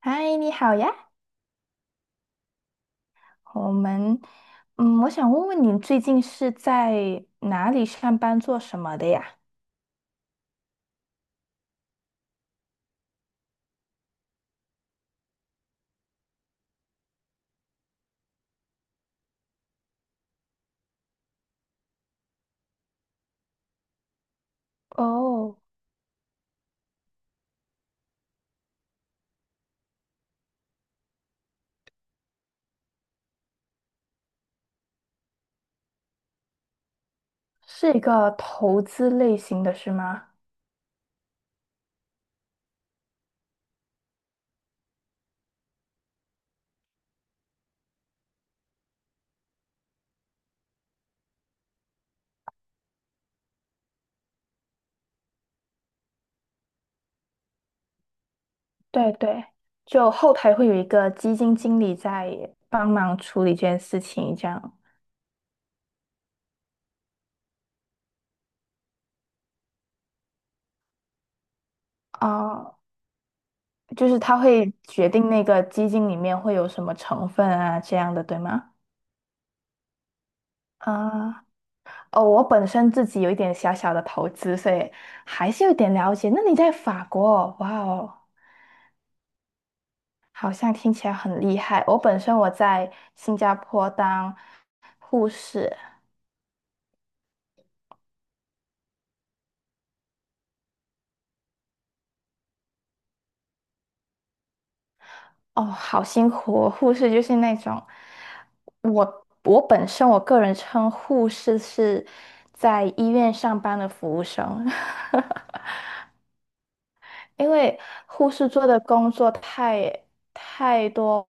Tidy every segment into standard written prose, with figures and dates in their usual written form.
嗨，你好呀。我们，嗯，我想问问你最近是在哪里上班，做什么的呀？哦，是一个投资类型的是吗？对对，就后台会有一个基金经理在帮忙处理这件事情，这样。哦，就是他会决定那个基金里面会有什么成分啊，这样的，对吗？啊、哦，我本身自己有一点小小的投资，所以还是有点了解。那你在法国，哇哦，好像听起来很厉害。我本身我在新加坡当护士，哦，好辛苦哦。护士就是那种，我本身我个人称护士是在医院上班的服务生。因为护士做的工作太多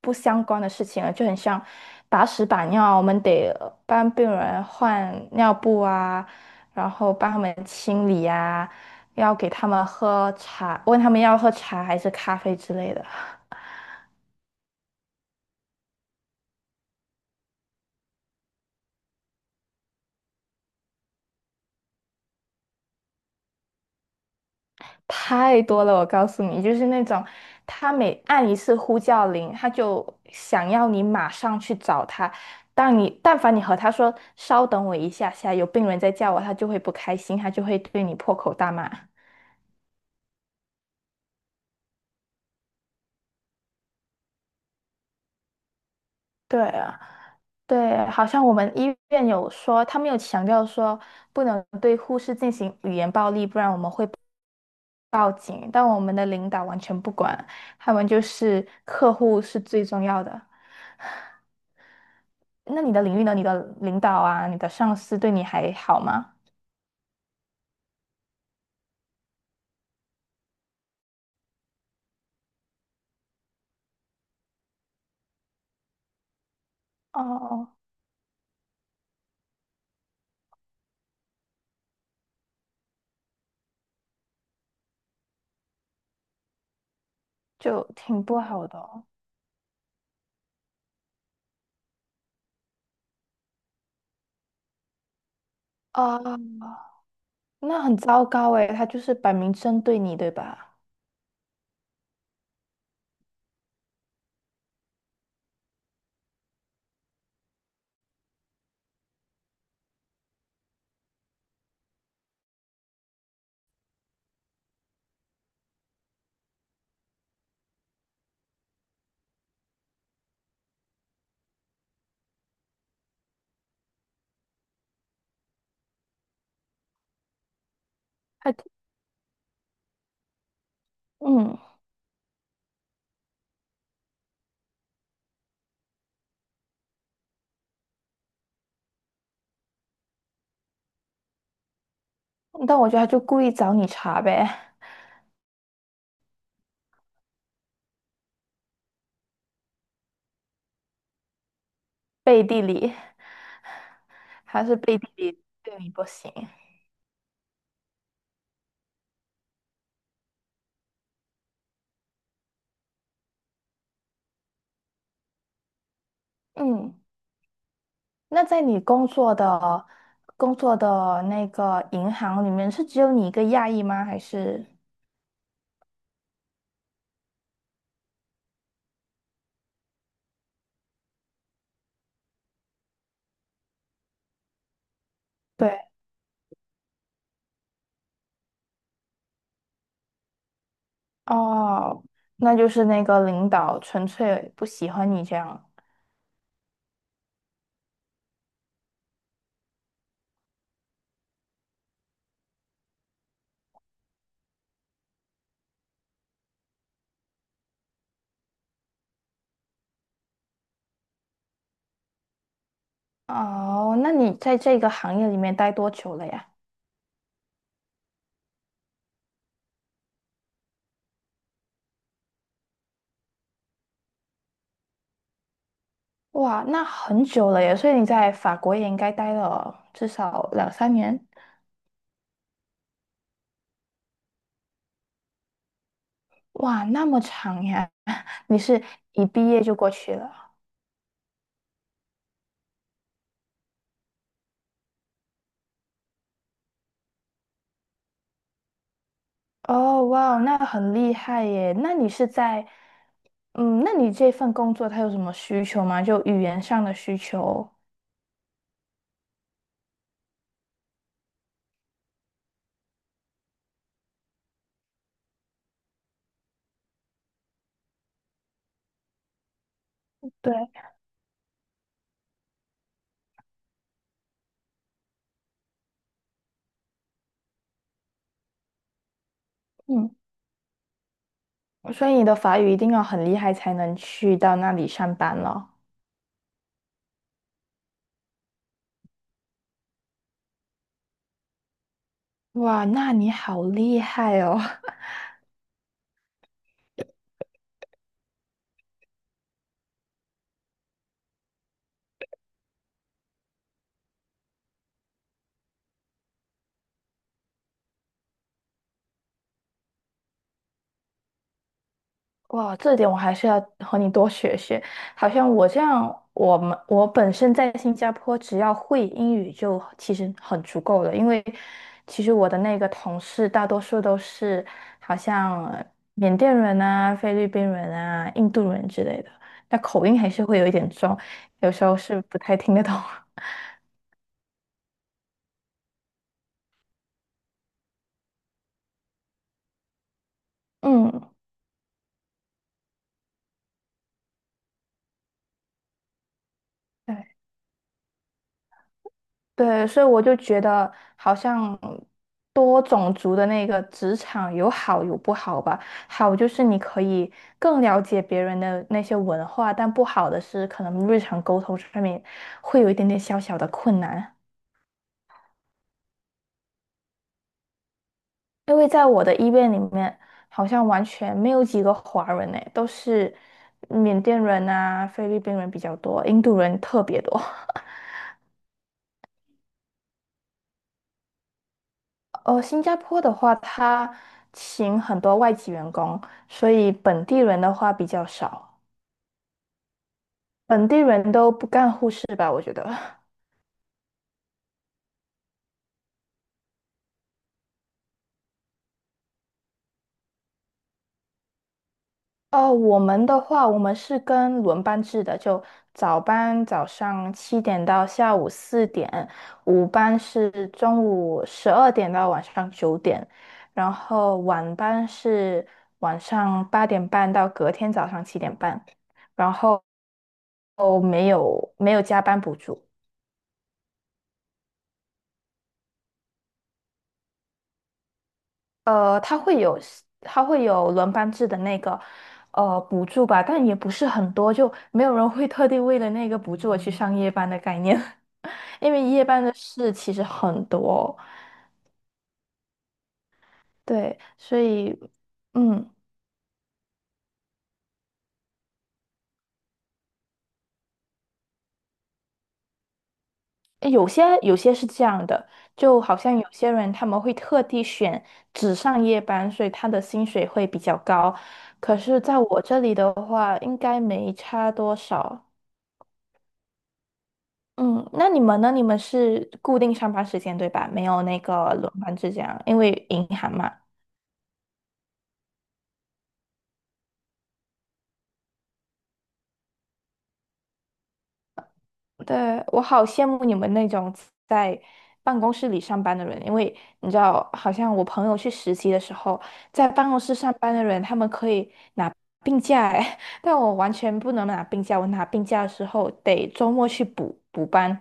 不相关的事情了，就很像把屎把尿，我们得帮病人换尿布啊，然后帮他们清理啊，要给他们喝茶，问他们要喝茶还是咖啡之类的。太多了，我告诉你，就是那种他每按一次呼叫铃，他就想要你马上去找他。但你但凡你和他说“稍等我一下下，有病人在叫我”，他就会不开心，他就会对你破口大骂。对啊，对，好像我们医院有说，他们有强调说不能对护士进行语言暴力，不然我们会报警。但我们的领导完全不管，他们就是客户是最重要的。那你的领域呢？你的领导啊，你的上司对你还好吗？哦，就挺不好的哦。啊，那很糟糕诶，他就是摆明针对你，对吧？他，嗯，但我觉得他就故意找你茬呗，背地里，还是背地里对你不行。嗯，那在你工作的那个银行里面，是只有你一个亚裔吗？还是？对。哦，那就是那个领导纯粹不喜欢你这样。哦，那你在这个行业里面待多久了呀？哇，那很久了耶，所以你在法国也应该待了至少两三年。哇，那么长呀！你是一毕业就过去了？哦，哇，那很厉害耶。那你是在，嗯，那你这份工作它有什么需求吗？就语言上的需求？对，嗯。所以你的法语一定要很厉害才能去到那里上班了。哇，那你好厉害哦！哇，这点我还是要和你多学学。好像我这样，我本身在新加坡，只要会英语就其实很足够了。因为其实我的那个同事大多数都是好像缅甸人啊、菲律宾人啊、印度人之类的，那口音还是会有一点重，有时候是不太听得懂。嗯。对。对，所以我就觉得好像多种族的那个职场有好有不好吧。好就是你可以更了解别人的那些文化，但不好的是可能日常沟通上面会有一点点小小的困难。因为在我的医院里面，好像完全没有几个华人呢，都是缅甸人啊、菲律宾人比较多，印度人特别多。哦，新加坡的话，他请很多外籍员工，所以本地人的话比较少，本地人都不干护士吧，我觉得。哦，我们的话，我们是跟轮班制的，就早班早上七点到下午4点，午班是中午12点到晚上9点，然后晚班是晚上8点半到隔天早上7点半，然后哦没有没有加班补助。呃，他会有他会有轮班制的那个补助吧，但也不是很多，就没有人会特地为了那个补助而去上夜班的概念，因为夜班的事其实很多，对，所以嗯，有些是这样的，就好像有些人他们会特地选只上夜班，所以他的薪水会比较高，可是在我这里的话，应该没差多少。嗯，那你们呢？你们是固定上班时间对吧？没有那个轮班制这样，因为银行嘛。对，我好羡慕你们那种在办公室里上班的人，因为你知道，好像我朋友去实习的时候，在办公室上班的人，他们可以拿病假哎，但我完全不能拿病假，我拿病假的时候得周末去补补班，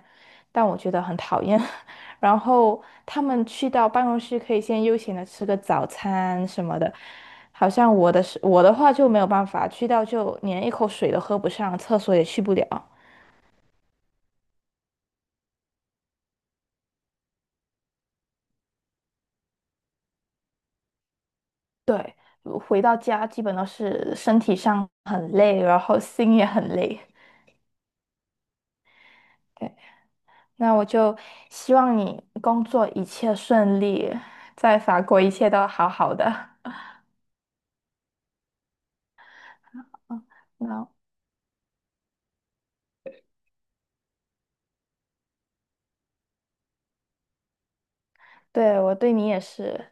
但我觉得很讨厌。然后他们去到办公室可以先悠闲的吃个早餐什么的，好像我的话就没有办法，去到就连一口水都喝不上，厕所也去不了。对，回到家基本都是身体上很累，然后心也很累。对，那我就希望你工作一切顺利，在法国一切都好好的。嗯，那对我对你也是，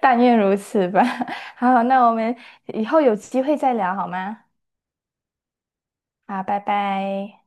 但愿如此吧。好，那我们以后有机会再聊好吗？好，拜拜。